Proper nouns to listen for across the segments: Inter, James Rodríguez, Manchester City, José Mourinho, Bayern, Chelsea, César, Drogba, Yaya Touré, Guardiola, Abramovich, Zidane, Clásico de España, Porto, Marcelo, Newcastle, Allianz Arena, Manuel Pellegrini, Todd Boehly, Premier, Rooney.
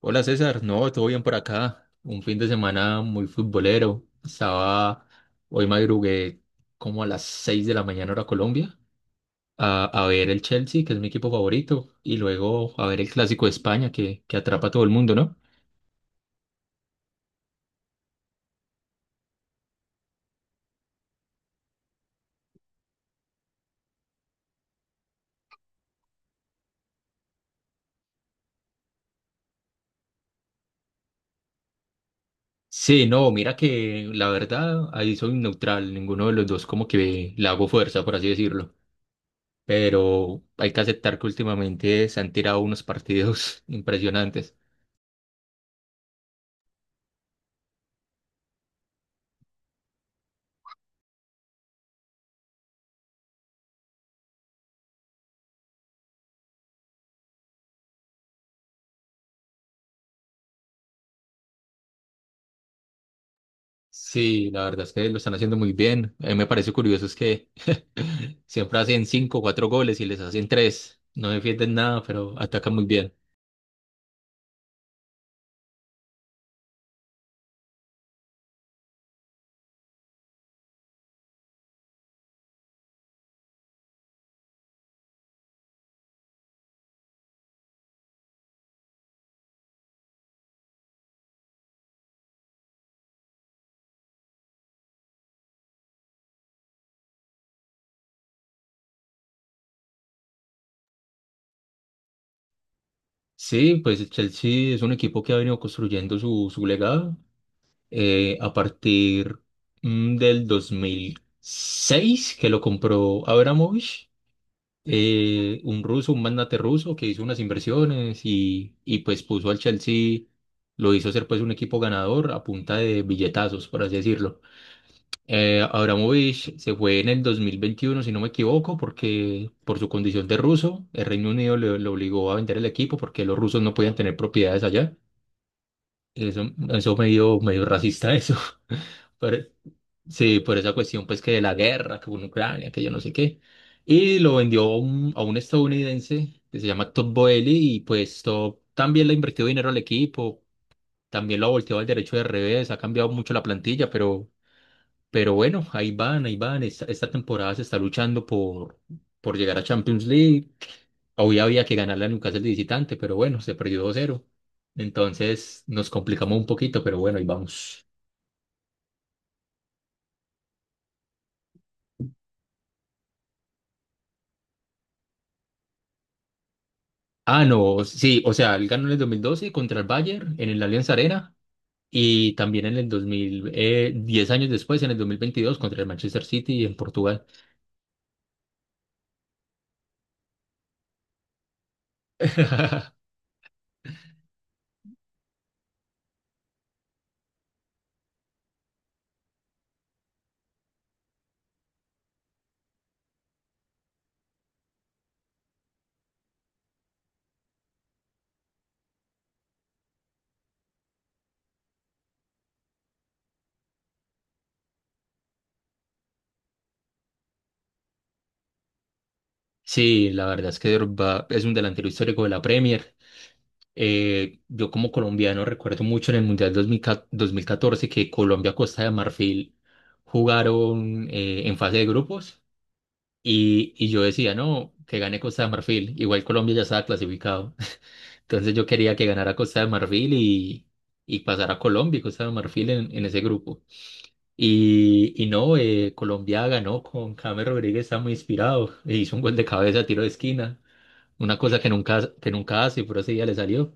Hola César, no, todo bien por acá. Un fin de semana muy futbolero. Estaba, hoy madrugué como a las 6 de la mañana hora Colombia a ver el Chelsea, que es mi equipo favorito, y luego a ver el Clásico de España que atrapa a todo el mundo, ¿no? Sí, no, mira que la verdad ahí soy neutral, ninguno de los dos como que le hago fuerza, por así decirlo. Pero hay que aceptar que últimamente se han tirado unos partidos impresionantes. Sí, la verdad es que lo están haciendo muy bien. A mí me parece curioso es que siempre hacen cinco o cuatro goles y les hacen tres. No defienden nada, pero atacan muy bien. Sí, pues el Chelsea es un equipo que ha venido construyendo su legado a partir del 2006, que lo compró Abramovich, un ruso, un magnate ruso que hizo unas inversiones y pues puso al Chelsea, lo hizo ser pues un equipo ganador a punta de billetazos, por así decirlo. Abramovich se fue en el 2021, si no me equivoco, porque por su condición de ruso, el Reino Unido le obligó a vender el equipo porque los rusos no podían tener propiedades allá. Eso medio, medio racista eso. Pero sí, por esa cuestión pues que de la guerra, que en Ucrania, que yo no sé qué. Y lo vendió a un estadounidense que se llama Todd Boehly, y pues Todd también le ha invertido dinero al equipo, también lo ha volteado al derecho de revés, ha cambiado mucho la plantilla, pero bueno, ahí van, ahí van. Esta temporada se está luchando por llegar a Champions League. Hoy había que ganarle a Newcastle de visitante, pero bueno, se perdió 2-0. Entonces nos complicamos un poquito, pero bueno, ahí vamos. Ah, no, sí, o sea, él ganó en el 2012 contra el Bayern en el Allianz Arena y también en el 2000, 10 años después, en el 2022, contra el Manchester City en Portugal. Sí, la verdad es que Drogba es un delantero histórico de la Premier. Yo como colombiano recuerdo mucho en el Mundial 2000 2014 que Colombia, Costa de Marfil jugaron en fase de grupos y yo decía, no, que gane Costa de Marfil. Igual Colombia ya estaba clasificado. Entonces yo quería que ganara Costa de Marfil y pasara Colombia y Costa de Marfil en ese grupo. Y no, Colombia ganó con James Rodríguez, está muy inspirado. E hizo un gol de cabeza, tiro de esquina. Una cosa que nunca hace, pero ese día le salió.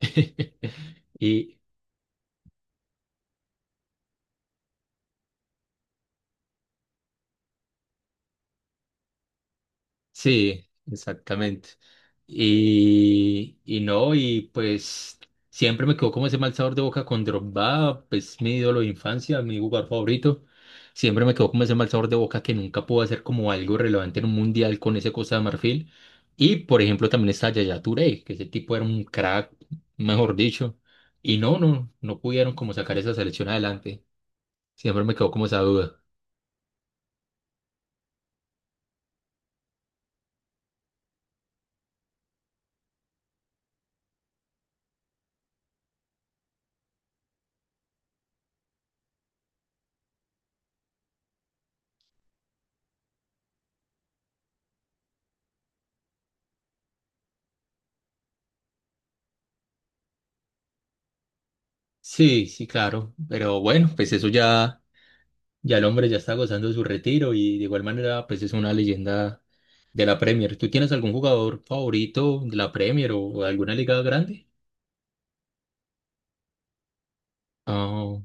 Y sí, exactamente. Y no, y pues siempre me quedó como ese mal sabor de boca con Drogba, pues mi ídolo de infancia, mi jugador favorito. Siempre me quedó como ese mal sabor de boca que nunca pudo hacer como algo relevante en un mundial con ese Costa de Marfil. Y por ejemplo también está Yaya Touré, que ese tipo era un crack, mejor dicho. Y no, no, no pudieron como sacar esa selección adelante. Siempre me quedó como esa duda. Sí, sí, claro. Pero bueno, pues eso ya, ya el hombre ya está gozando de su retiro y de igual manera, pues es una leyenda de la Premier. ¿Tú tienes algún jugador favorito de la Premier o alguna liga grande? Ah,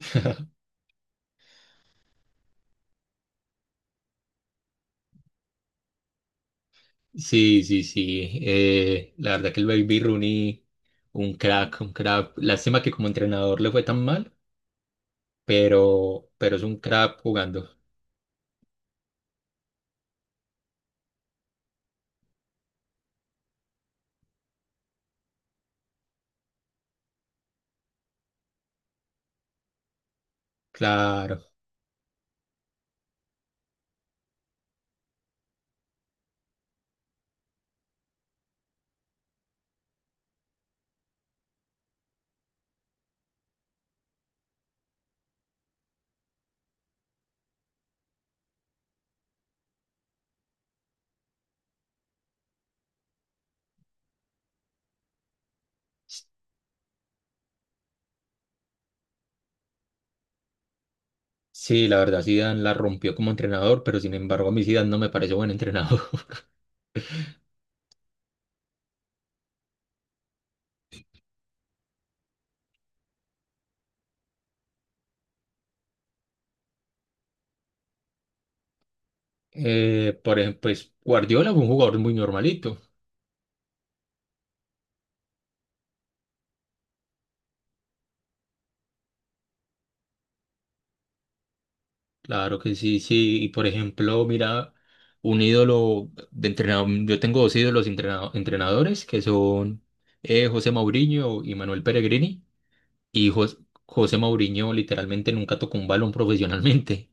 sí, sí, sí. La verdad que el Baby Rooney, un crack, un crack. Lástima que como entrenador le fue tan mal, pero es un crack jugando. Claro. Sí, la verdad, Zidane la rompió como entrenador, pero sin embargo a mí Zidane no me parece buen entrenador. Por ejemplo, pues Guardiola fue un jugador muy normalito, claro que sí, sí. Y por ejemplo, mira, un ídolo de entrenador, yo tengo dos ídolos entrenadores que son José Mourinho y Manuel Pellegrini. Y José Mourinho literalmente nunca tocó un balón profesionalmente.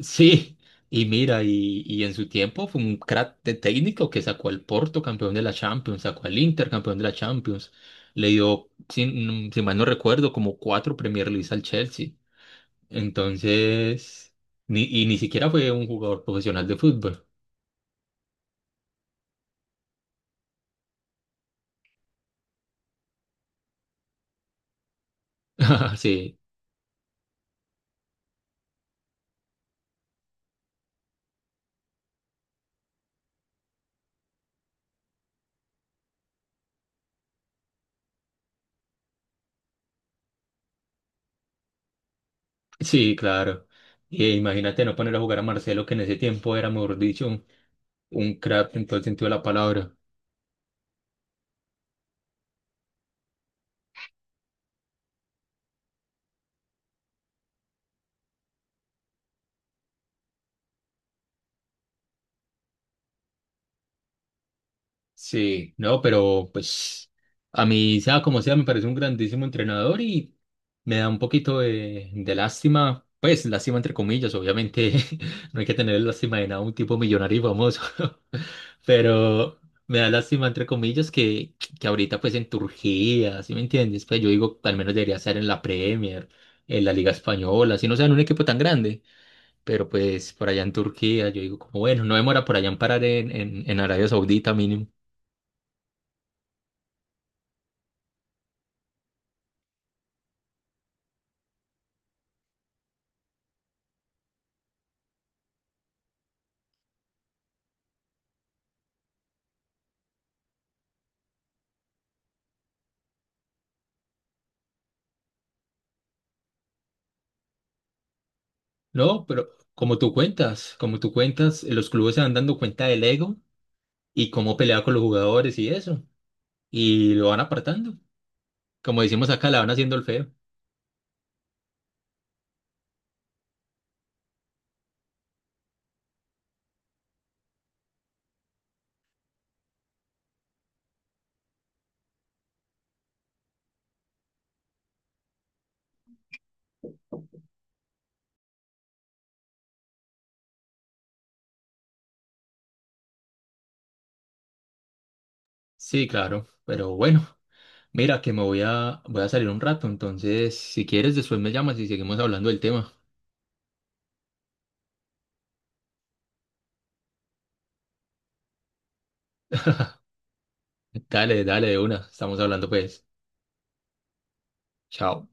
Sí, y mira, y en su tiempo fue un crack de técnico que sacó al Porto campeón de la Champions, sacó al Inter campeón de la Champions, le dio, si, si mal no recuerdo, como cuatro Premier League al Chelsea. Entonces, ni siquiera fue un jugador profesional de fútbol. Sí, sí, claro. Y imagínate no poner a jugar a Marcelo, que en ese tiempo era, mejor dicho, un crack en todo el sentido de la palabra. Sí, no, pero pues a mí, sea como sea, me parece un grandísimo entrenador y me da un poquito de lástima, pues lástima entre comillas, obviamente no hay que tener lástima de nada, un tipo millonario y famoso, pero me da lástima entre comillas que ahorita pues en Turquía, ¿sí me entiendes? Pues yo digo, al menos debería estar en la Premier, en la Liga Española, si no sea en un equipo tan grande, pero pues por allá en Turquía, yo digo como bueno, no demora por allá en parar en Arabia Saudita mínimo. No, pero como tú cuentas, los clubes se van dando cuenta del ego y cómo pelea con los jugadores y eso, y lo van apartando. Como decimos acá, la van haciendo el feo. Sí, claro, pero bueno, mira que me voy a salir un rato, entonces si quieres después me llamas y seguimos hablando del tema. Dale, dale de una, estamos hablando pues. Chao.